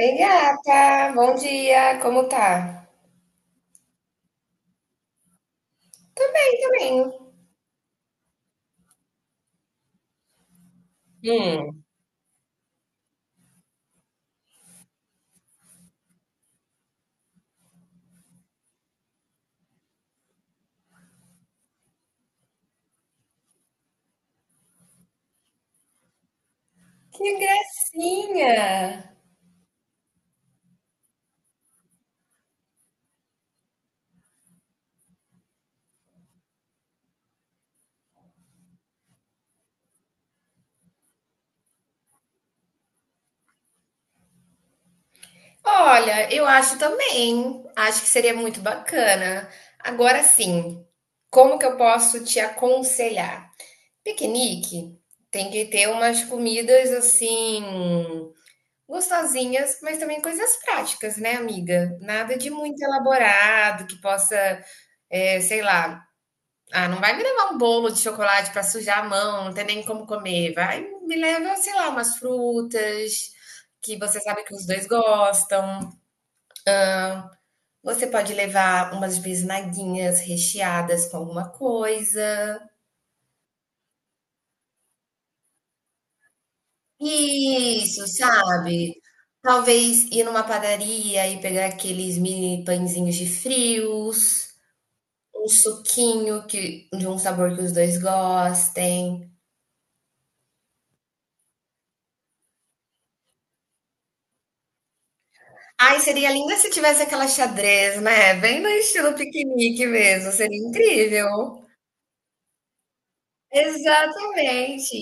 Oi, gata! Bom dia! Como tá? Tô bem, tô bem. Hum, que gracinha! Olha, eu acho também. Acho que seria muito bacana. Agora sim, como que eu posso te aconselhar? Piquenique tem que ter umas comidas assim, gostosinhas, mas também coisas práticas, né, amiga? Nada de muito elaborado que possa, sei lá. Ah, não vai me levar um bolo de chocolate para sujar a mão, não tem nem como comer. Vai, me leva, sei lá, umas frutas que você sabe que os dois gostam. Você pode levar umas bisnaguinhas recheadas com alguma coisa. Isso, sabe? Talvez ir numa padaria e pegar aqueles mini pãezinhos de frios, um suquinho que, de um sabor que os dois gostem. Ai, seria lindo se tivesse aquela xadrez, né, bem no estilo piquenique mesmo, seria incrível. Exatamente.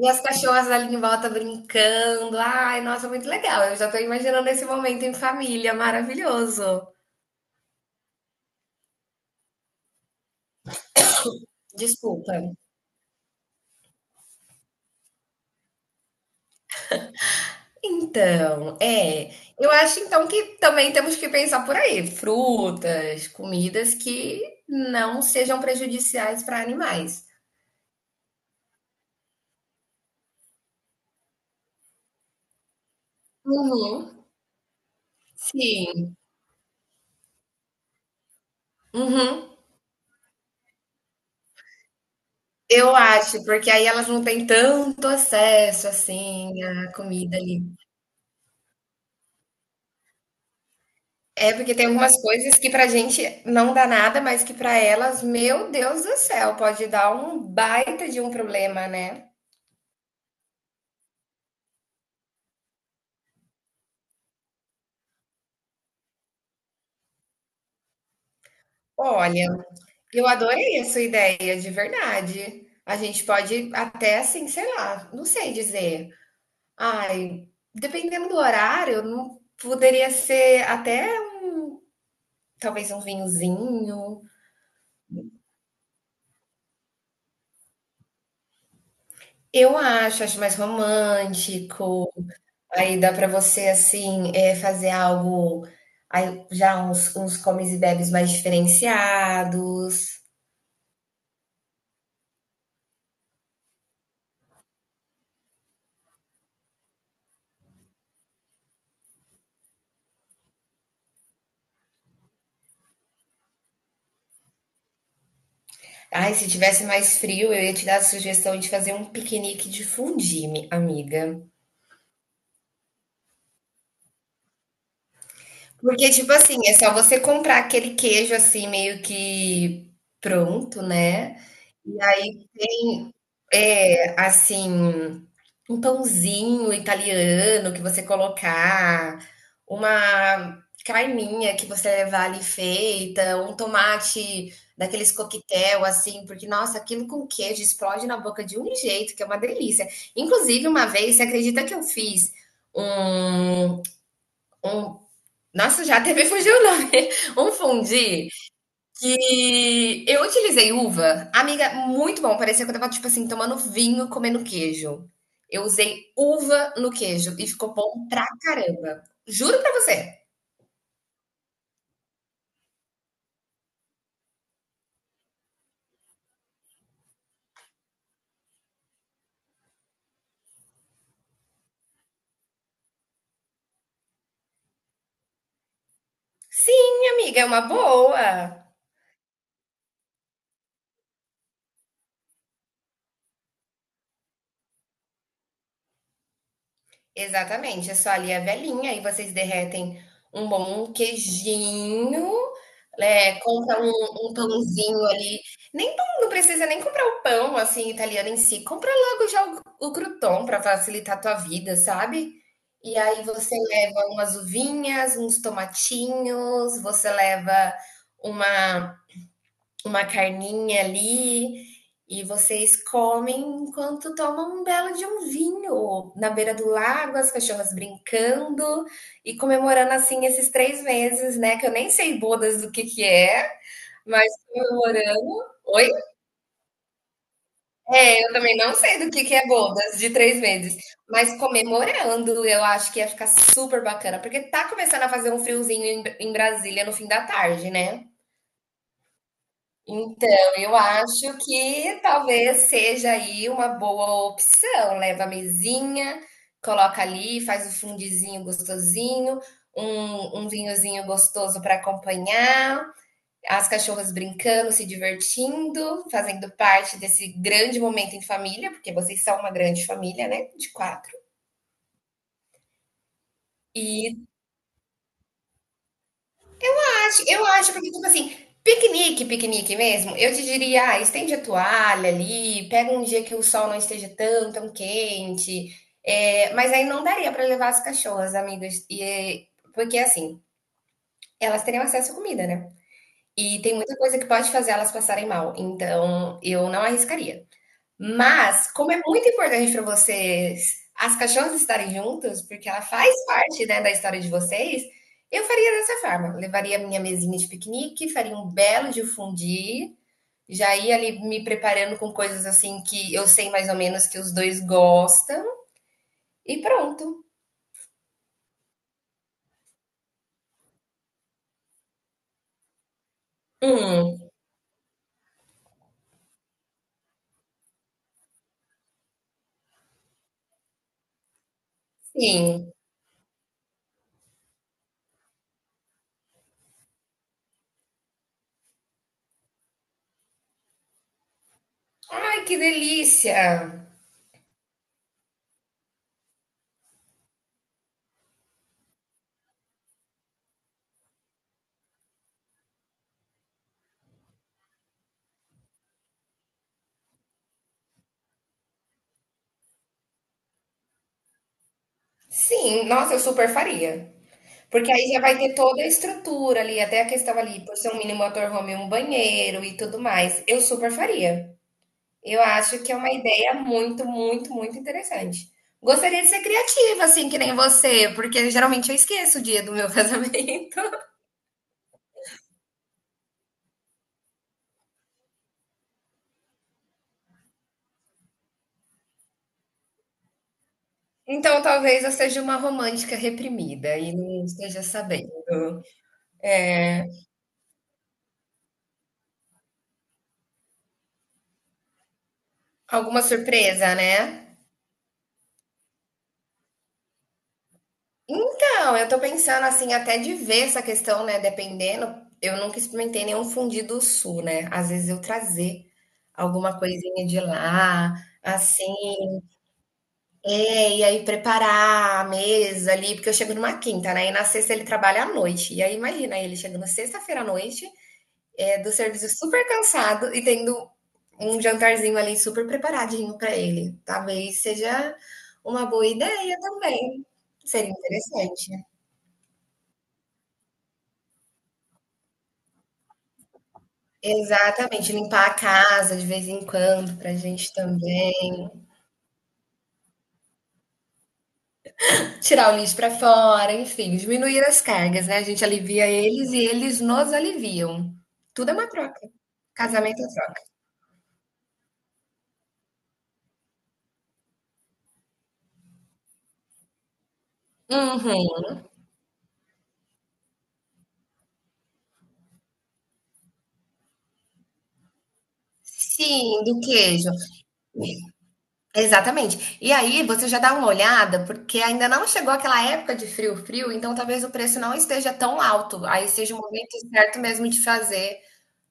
E as cachorras ali em volta brincando. Ai, nossa, muito legal. Eu já tô imaginando esse momento em família, maravilhoso. Desculpa. Então, eu acho então que também temos que pensar por aí, frutas, comidas que não sejam prejudiciais para animais. Uhum, sim. Uhum. Eu acho, porque aí elas não têm tanto acesso, assim, à comida ali. É porque tem algumas coisas que pra gente não dá nada, mas que pra elas, meu Deus do céu, pode dar um baita de um problema, né. Olha, eu adorei a sua ideia, de verdade. A gente pode até, assim, sei lá, não sei dizer. Ai, dependendo do horário, não poderia ser até talvez um vinhozinho. Eu acho, acho mais romântico. Aí dá para você, assim, fazer algo aí já uns comes e bebes mais diferenciados. Ai, se tivesse mais frio, eu ia te dar a sugestão de fazer um piquenique de fondue, mi amiga. Porque, tipo assim, é só você comprar aquele queijo, assim, meio que pronto, né, e aí tem É, assim, um pãozinho italiano que você colocar, uma carninha que você levar ali feita, um tomate daqueles coquetel, assim, porque, nossa, aquilo com queijo explode na boca de um jeito, que é uma delícia. Inclusive, uma vez, você acredita que eu fiz um um nossa, já até me fugiu o nome, um fundi que eu utilizei uva, amiga, muito bom, parecia que eu estava, tipo assim, tomando vinho, comendo queijo. Eu usei uva no queijo e ficou bom pra caramba. Juro pra você. Sim, amiga, é uma boa. Exatamente, é só ali a velhinha, aí vocês derretem um bom queijinho, né, compra um pãozinho ali, nem pão, não precisa nem comprar o pão, assim, italiano em si, compra logo já o croûton pra facilitar a tua vida, sabe. E aí você leva umas uvinhas, uns tomatinhos, você leva uma uma carninha ali e vocês comem enquanto tomam um belo de um vinho na beira do lago, as cachorras brincando e comemorando assim esses 3 meses, né? Que eu nem sei bodas do que é, mas comemorando. Oi? É, eu também não sei do que é bodas de 3 meses, mas comemorando, eu acho que ia ficar super bacana, porque tá começando a fazer um friozinho em Brasília no fim da tarde, né? Então, eu acho que talvez seja aí uma boa opção. Leva a mesinha, coloca ali, faz o fundizinho gostosinho, um vinhozinho gostoso para acompanhar, as cachorras brincando, se divertindo, fazendo parte desse grande momento em família, porque vocês são uma grande família, né? De quatro. E Eu acho, porque, tipo assim, piquenique, piquenique mesmo, eu te diria, ah, estende a toalha ali, pega um dia que o sol não esteja tão, tão quente. É, mas aí não daria para levar as cachorras, amigas, e, porque assim, elas teriam acesso à comida, né? E tem muita coisa que pode fazer elas passarem mal, então eu não arriscaria. Mas, como é muito importante para vocês as cachorras estarem juntas, porque ela faz parte, né, da história de vocês, eu faria dessa forma. Levaria minha mesinha de piquenique, faria um belo de um fondue, já ia ali me preparando com coisas assim que eu sei mais ou menos que os dois gostam e pronto. Hum, sim. Ai, que delícia! Sim, nossa, eu super faria. Porque aí já vai ter toda a estrutura ali, até a questão ali, por ser um mini motorhome, um banheiro e tudo mais. Eu super faria. Eu acho que é uma ideia muito, muito, muito interessante. Gostaria de ser criativa, assim, que nem você, porque geralmente eu esqueço o dia do meu casamento. Então talvez eu seja uma romântica reprimida e não esteja sabendo. Alguma surpresa, né? Então, eu tô pensando assim, até de ver essa questão, né? Dependendo, eu nunca experimentei nenhum fundido sul, né? Às vezes eu trazer alguma coisinha de lá, assim, e aí preparar a mesa ali, porque eu chego numa quinta, né? E na sexta ele trabalha à noite. E aí imagina, ele chegando sexta-feira à noite, do serviço super cansado e tendo um jantarzinho ali super preparadinho pra ele. Talvez seja uma boa ideia também. Seria interessante. Exatamente, limpar a casa de vez em quando pra gente também, tirar o lixo pra fora, enfim, diminuir as cargas, né, a gente alivia eles e eles nos aliviam. Tudo é uma troca. Casamento é troca. Uhum. Sim, do queijo. Exatamente. E aí você já dá uma olhada, porque ainda não chegou aquela época de frio, frio, então talvez o preço não esteja tão alto, aí seja o momento certo mesmo de fazer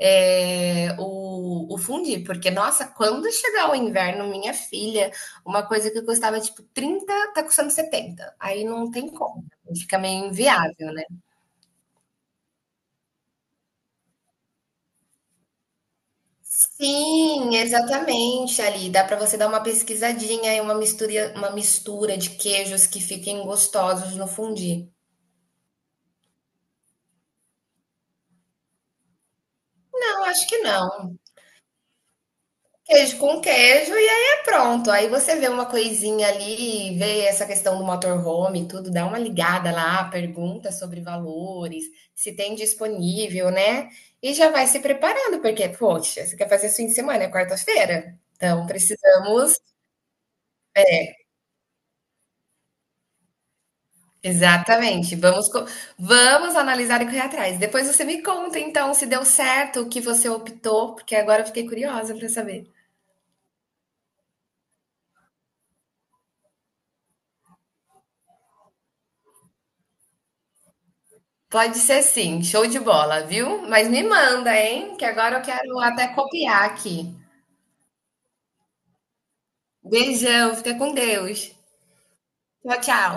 o fundi, porque, nossa, quando chegar o inverno, minha filha, uma coisa que custava tipo 30 tá custando 70. Aí não tem como, fica meio inviável, né? Sim, exatamente, ali. Dá para você dar uma pesquisadinha e uma mistura de queijos que fiquem gostosos no fundi. Não, acho que não. Queijo com queijo, e aí é pronto. Aí você vê uma coisinha ali, vê essa questão do motorhome, e tudo, dá uma ligada lá, pergunta sobre valores, se tem disponível, né? E já vai se preparando, porque, poxa, você quer fazer esse fim de semana, é quarta-feira. Então precisamos. Exatamente. Vamos, vamos analisar e correr atrás. Depois você me conta, então, se deu certo o que você optou, porque agora eu fiquei curiosa para saber. Pode ser sim, show de bola, viu? Mas me manda, hein? Que agora eu quero até copiar aqui. Beijão, fica com Deus. Tchau, tchau.